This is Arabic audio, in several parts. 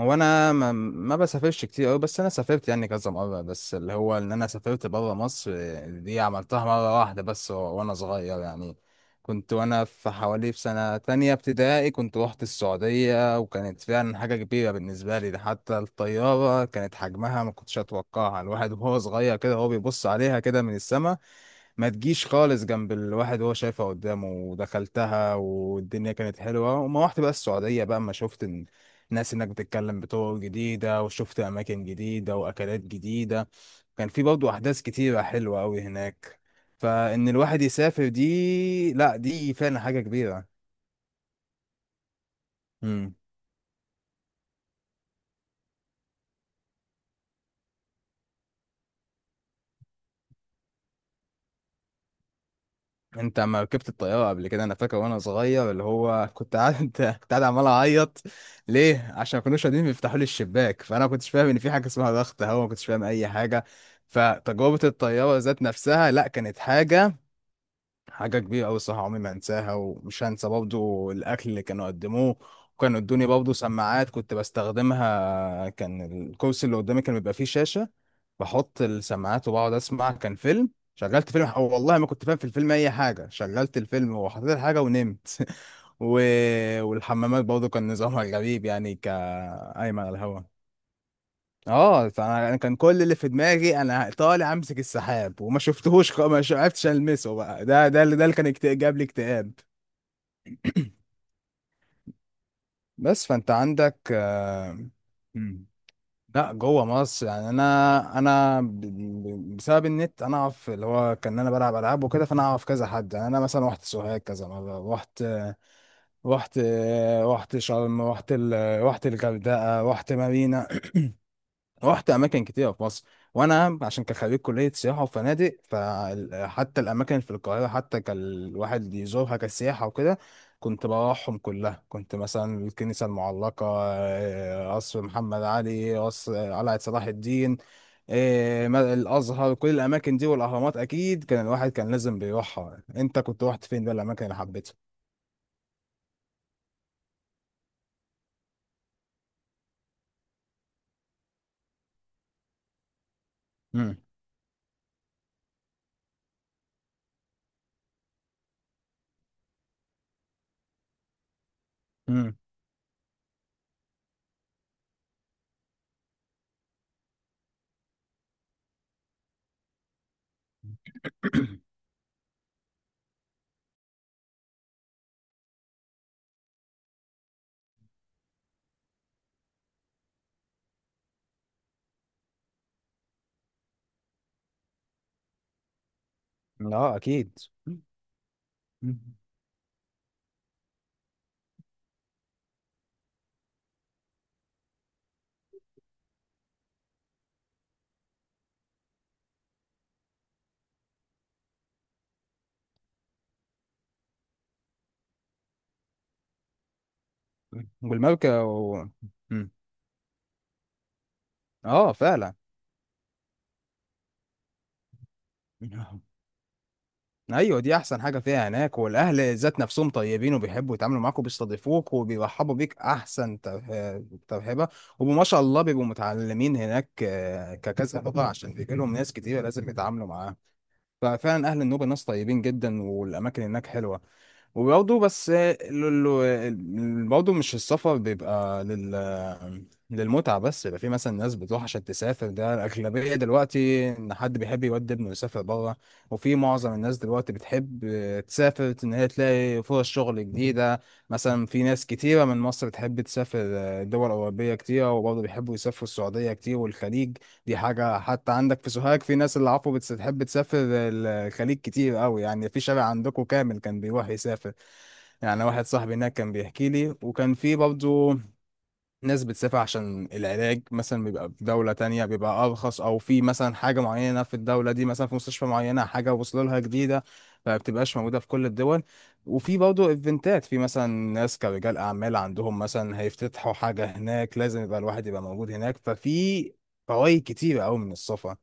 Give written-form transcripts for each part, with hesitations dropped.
هو انا ما بسافرش كتير قوي، بس انا سافرت يعني كذا مره. بس اللي هو ان انا سافرت بره مصر آه، دي عملتها مره واحده بس وانا صغير يعني. كنت وانا في حوالي في سنه تانية ابتدائي، كنت روحت السعوديه وكانت فعلا حاجه كبيره بالنسبه لي. ده حتى الطياره كانت حجمها ما كنتش اتوقعها. الواحد وهو صغير كده هو بيبص عليها كده من السما، ما تجيش خالص جنب الواحد وهو شايفها قدامه. ودخلتها والدنيا كانت حلوة. وما رحت بقى السعودية بقى اما شفت الناس هناك بتتكلم بطرق جديدة، وشفت أماكن جديدة وأكلات جديدة. كان في برضه أحداث كتيرة حلوة أوي هناك. فإن الواحد يسافر دي، لأ دي فعلا حاجة كبيرة. انت اما ركبت الطياره قبل كده، انا فاكر وانا صغير اللي هو كنت قاعد كنت قاعد عمال اعيط. ليه؟ عشان ما كانوش راضيين بيفتحوا لي الشباك، فانا ما كنتش فاهم ان في حاجه اسمها ضغط هواء، ما كنتش فاهم اي حاجه. فتجربه الطياره ذات نفسها لا، كانت حاجة كبيرة أوي الصراحة، عمري ما أنساها. ومش هنسى برضه الأكل اللي كانوا قدموه. وكانوا ادوني برضه سماعات كنت بستخدمها. كان الكرسي اللي قدامي كان بيبقى فيه شاشة، بحط السماعات وبقعد أسمع. كان فيلم، شغلت فيلم، أو والله ما كنت فاهم في الفيلم أي حاجة. شغلت الفيلم وحطيت الحاجة ونمت و... والحمامات برضه كان نظامها غريب يعني، كأيمن على الهوا. اه فانا أنا كان كل اللي في دماغي انا طالع امسك السحاب، وما شفتهوش خ- ما شو- عرفتش المسه. بقى ده اللي كان جاب لي اكتئاب. بس فانت عندك آه، مم. لا جوه مصر يعني. انا بسبب النت انا اعرف اللي هو كان انا بلعب العاب وكده، فانا اعرف كذا حد. يعني انا مثلا رحت سوهاج كذا مره، رحت رحت شرم، رحت الغردقه، رحت مارينا. رحت اماكن كتيره في مصر. وانا عشان كخريج كليه سياحه وفنادق، فحتى الاماكن في القاهره حتى كان الواحد يزورها كسياحه وكده، كنت بروحهم كلها. كنت مثلا الكنيسه المعلقه آه، قصر محمد علي، قصر قلعه صلاح الدين آه، الازهر. كل الاماكن دي والاهرامات اكيد كان الواحد كان لازم بيروحها. انت كنت رحت فين بقى الاماكن اللي حبيتها؟ امم. امم. اه اكيد. مم. والمركب و... مم. اه فعلا. ايوه دي احسن حاجه فيها هناك. والاهل ذات نفسهم طيبين، وبيحبوا يتعاملوا معاك وبيستضيفوك وبيرحبوا بيك احسن ترحيبه. وما شاء الله بيبقوا متعلمين هناك آه، ككذا لغه عشان بيجي لهم ناس كتير لازم يتعاملوا معاها. ففعلا اهل النوبه ناس طيبين جدا، والاماكن هناك حلوه. وبرضه بس برضه مش السفر بيبقى للمتعه بس. يبقى في مثلا ناس بتروح عشان تسافر، ده الاغلبيه دلوقتي ان حد بيحب يودي ابنه يسافر بره. وفي معظم الناس دلوقتي بتحب تسافر ان هي تلاقي فرص شغل جديده. مثلا في ناس كتيره من مصر بتحب تسافر دول اوروبيه كتيره، وبرضه بيحبوا يسافروا السعوديه كتير والخليج. دي حاجة حتى عندك في سوهاج، في ناس اللي عفوا بتحب تسافر الخليج كتير قوي. يعني في شارع عندكم كامل كان بيروح يسافر. يعني واحد صاحبي هناك كان بيحكي لي. وكان في برضه ناس بتسافر عشان العلاج، مثلا بيبقى في دولة تانية بيبقى أرخص، أو في مثلا حاجة معينة في الدولة دي، مثلا في مستشفى معينة حاجة وصلوا لها جديدة، فبتبقاش موجودة في كل الدول. وفي برضه إيفنتات، في مثلا ناس كرجال أعمال عندهم مثلا هيفتتحوا حاجة هناك لازم يبقى الواحد يبقى موجود هناك. ففي فوائد كتيرة أوي من السفر.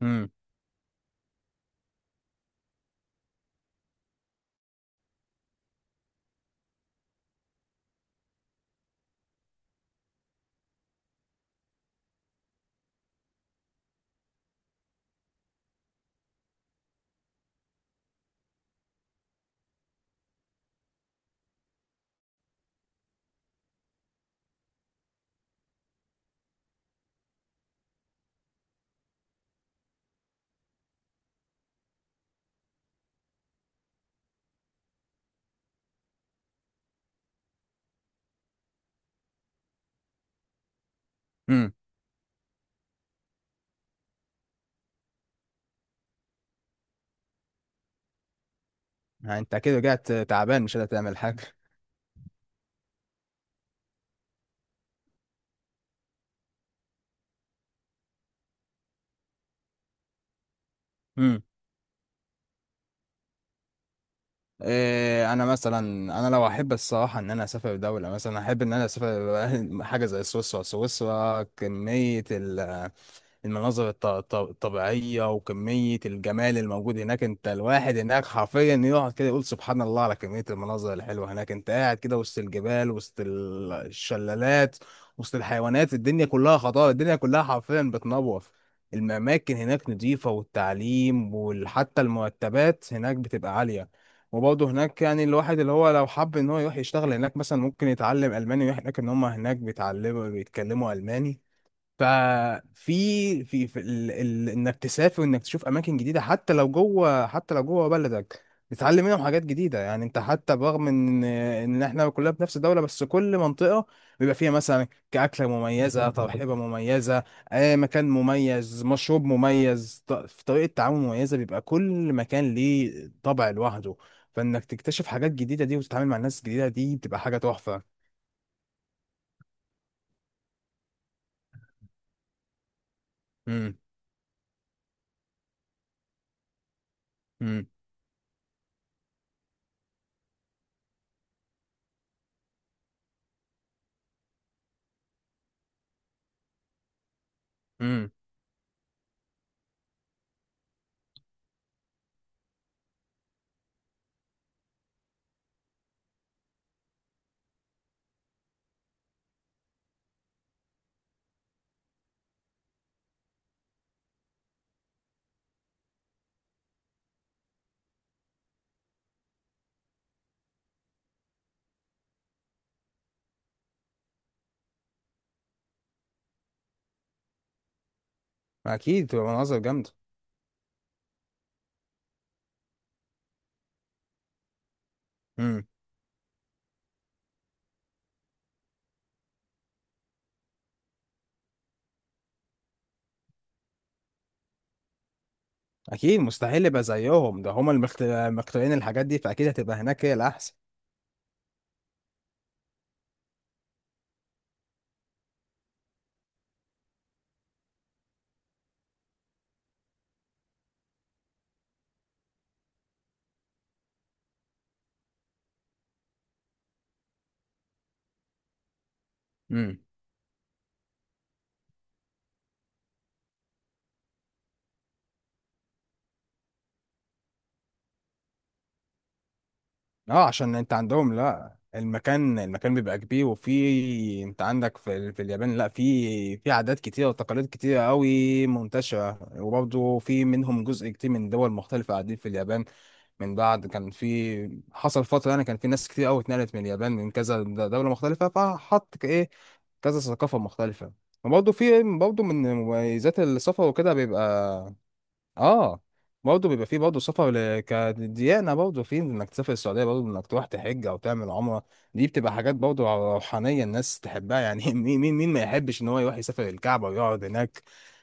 امم. امم. يعني أنت كده رجعت تعبان مش قادر تعمل حاجة. إيه انا مثلا، انا لو احب الصراحه ان انا اسافر دوله، مثلا احب ان انا اسافر حاجه زي سويسرا. سويسرا كميه المناظر الطبيعية وكمية الجمال الموجود هناك! انت الواحد هناك حرفيا يقعد كده يقول سبحان الله على كمية المناظر الحلوة هناك. انت قاعد كده وسط الجبال، وسط الشلالات، وسط الحيوانات. الدنيا كلها خضار، الدنيا كلها حرفيا بتنور. الأماكن هناك نظيفة، والتعليم وحتى المرتبات هناك بتبقى عالية. وبرضه هناك يعني الواحد اللي هو لو حب ان هو يروح يشتغل هناك مثلا، ممكن يتعلم ألماني ويروح هناك، ان هم هناك بيتعلموا بيتكلموا ألماني. ففي في انك تسافر وانك تشوف اماكن جديده، حتى لو جوه، حتى لو جوه بلدك، بتتعلم منهم حاجات جديده. يعني انت حتى برغم ان احنا كلنا في نفس الدوله، بس كل منطقه بيبقى فيها مثلا كاكله مميزه، ترحيبه مميزه آه، مكان مميز، مشروب مميز، في طريقه تعامل مميزه، بيبقى كل مكان ليه طبع لوحده. فانك تكتشف حاجات جديده دي وتتعامل مع ناس جديده دي، بتبقى حاجه تحفه. امم. امم. امم. اكيد بتبقى مناظر جامده. اكيد مستحيل يبقى زيهم، ده هما المخترعين الحاجات دي، فاكيد هتبقى هناك هي الاحسن. امم. اه عشان انت عندهم لا، المكان بيبقى كبير. وفي انت عندك في اليابان لا في عادات كتيره وتقاليد كتيره قوي منتشره. وبرضه في منهم جزء كتير من دول مختلفه قاعدين في اليابان. من بعد كان في حصل فتره يعني، كان في ناس كتير قوي اتنقلت من اليابان من كذا دوله مختلفه، فحط ايه، كذا ثقافه مختلفه. وبرضه في برضه من مميزات السفر وكده بيبقى اه. برضه بيبقى فيه برضه سفر كديانة، برضه فيه انك تسافر السعودية، برضه انك تروح تحج او تعمل عمرة. دي بتبقى حاجات برضه روحانية الناس تحبها يعني. مين ما يحبش ان هو يروح يسافر الكعبة ويقعد هناك!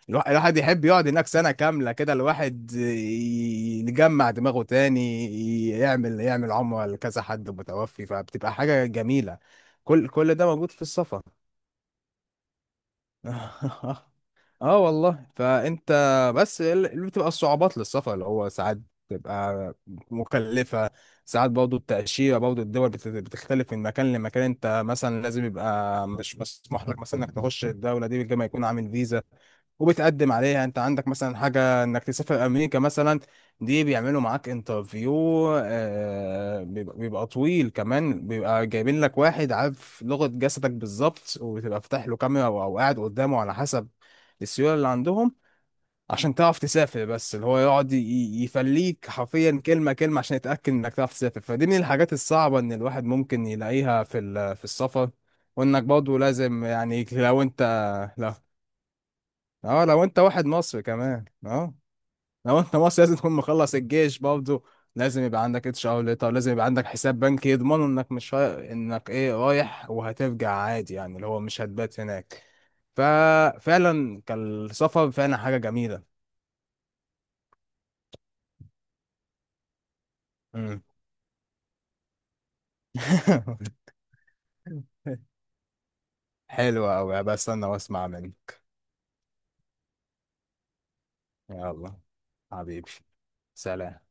الواحد يحب يقعد هناك سنة كاملة كده، الواحد يجمع دماغه تاني، يعمل عمرة لكذا حد متوفي، فبتبقى حاجة جميلة. كل ده موجود في السفر. اه والله. فانت بس اللي بتبقى الصعوبات للسفر اللي هو ساعات بتبقى مكلفة. ساعات برضه التأشيرة، برضه الدول بتختلف من مكان لمكان. انت مثلا لازم يبقى مش مسموح لك مثلا انك تخش الدولة دي غير ما يكون عامل فيزا، وبتقدم عليها. انت عندك مثلا حاجة انك تسافر امريكا مثلا، دي بيعملوا معاك انترفيو آه، بيبقى طويل كمان. بيبقى جايبين لك واحد عارف لغة جسدك بالظبط، وبتبقى فاتح له كاميرا أو قاعد قدامه على حسب السيولة اللي عندهم، عشان تعرف تسافر. بس اللي هو يقعد يفليك حرفيا كلمة كلمة عشان يتأكد انك تعرف تسافر. فدي من الحاجات الصعبة ان الواحد ممكن يلاقيها في السفر. وانك برضه لازم، لو اه لو انت واحد مصري كمان لو انت مصري لازم تكون مخلص الجيش برضه. لازم يبقى عندك HR ليتر، لازم يبقى عندك حساب بنكي يضمنوا انك مش راي... انك ايه رايح وهترجع عادي يعني، اللي هو مش هتبات هناك. ففعلا كان السفر فعلا حاجة جميلة. مم. حلوة أوي بستنى واسمع منك. يلا، حبيبي سلام.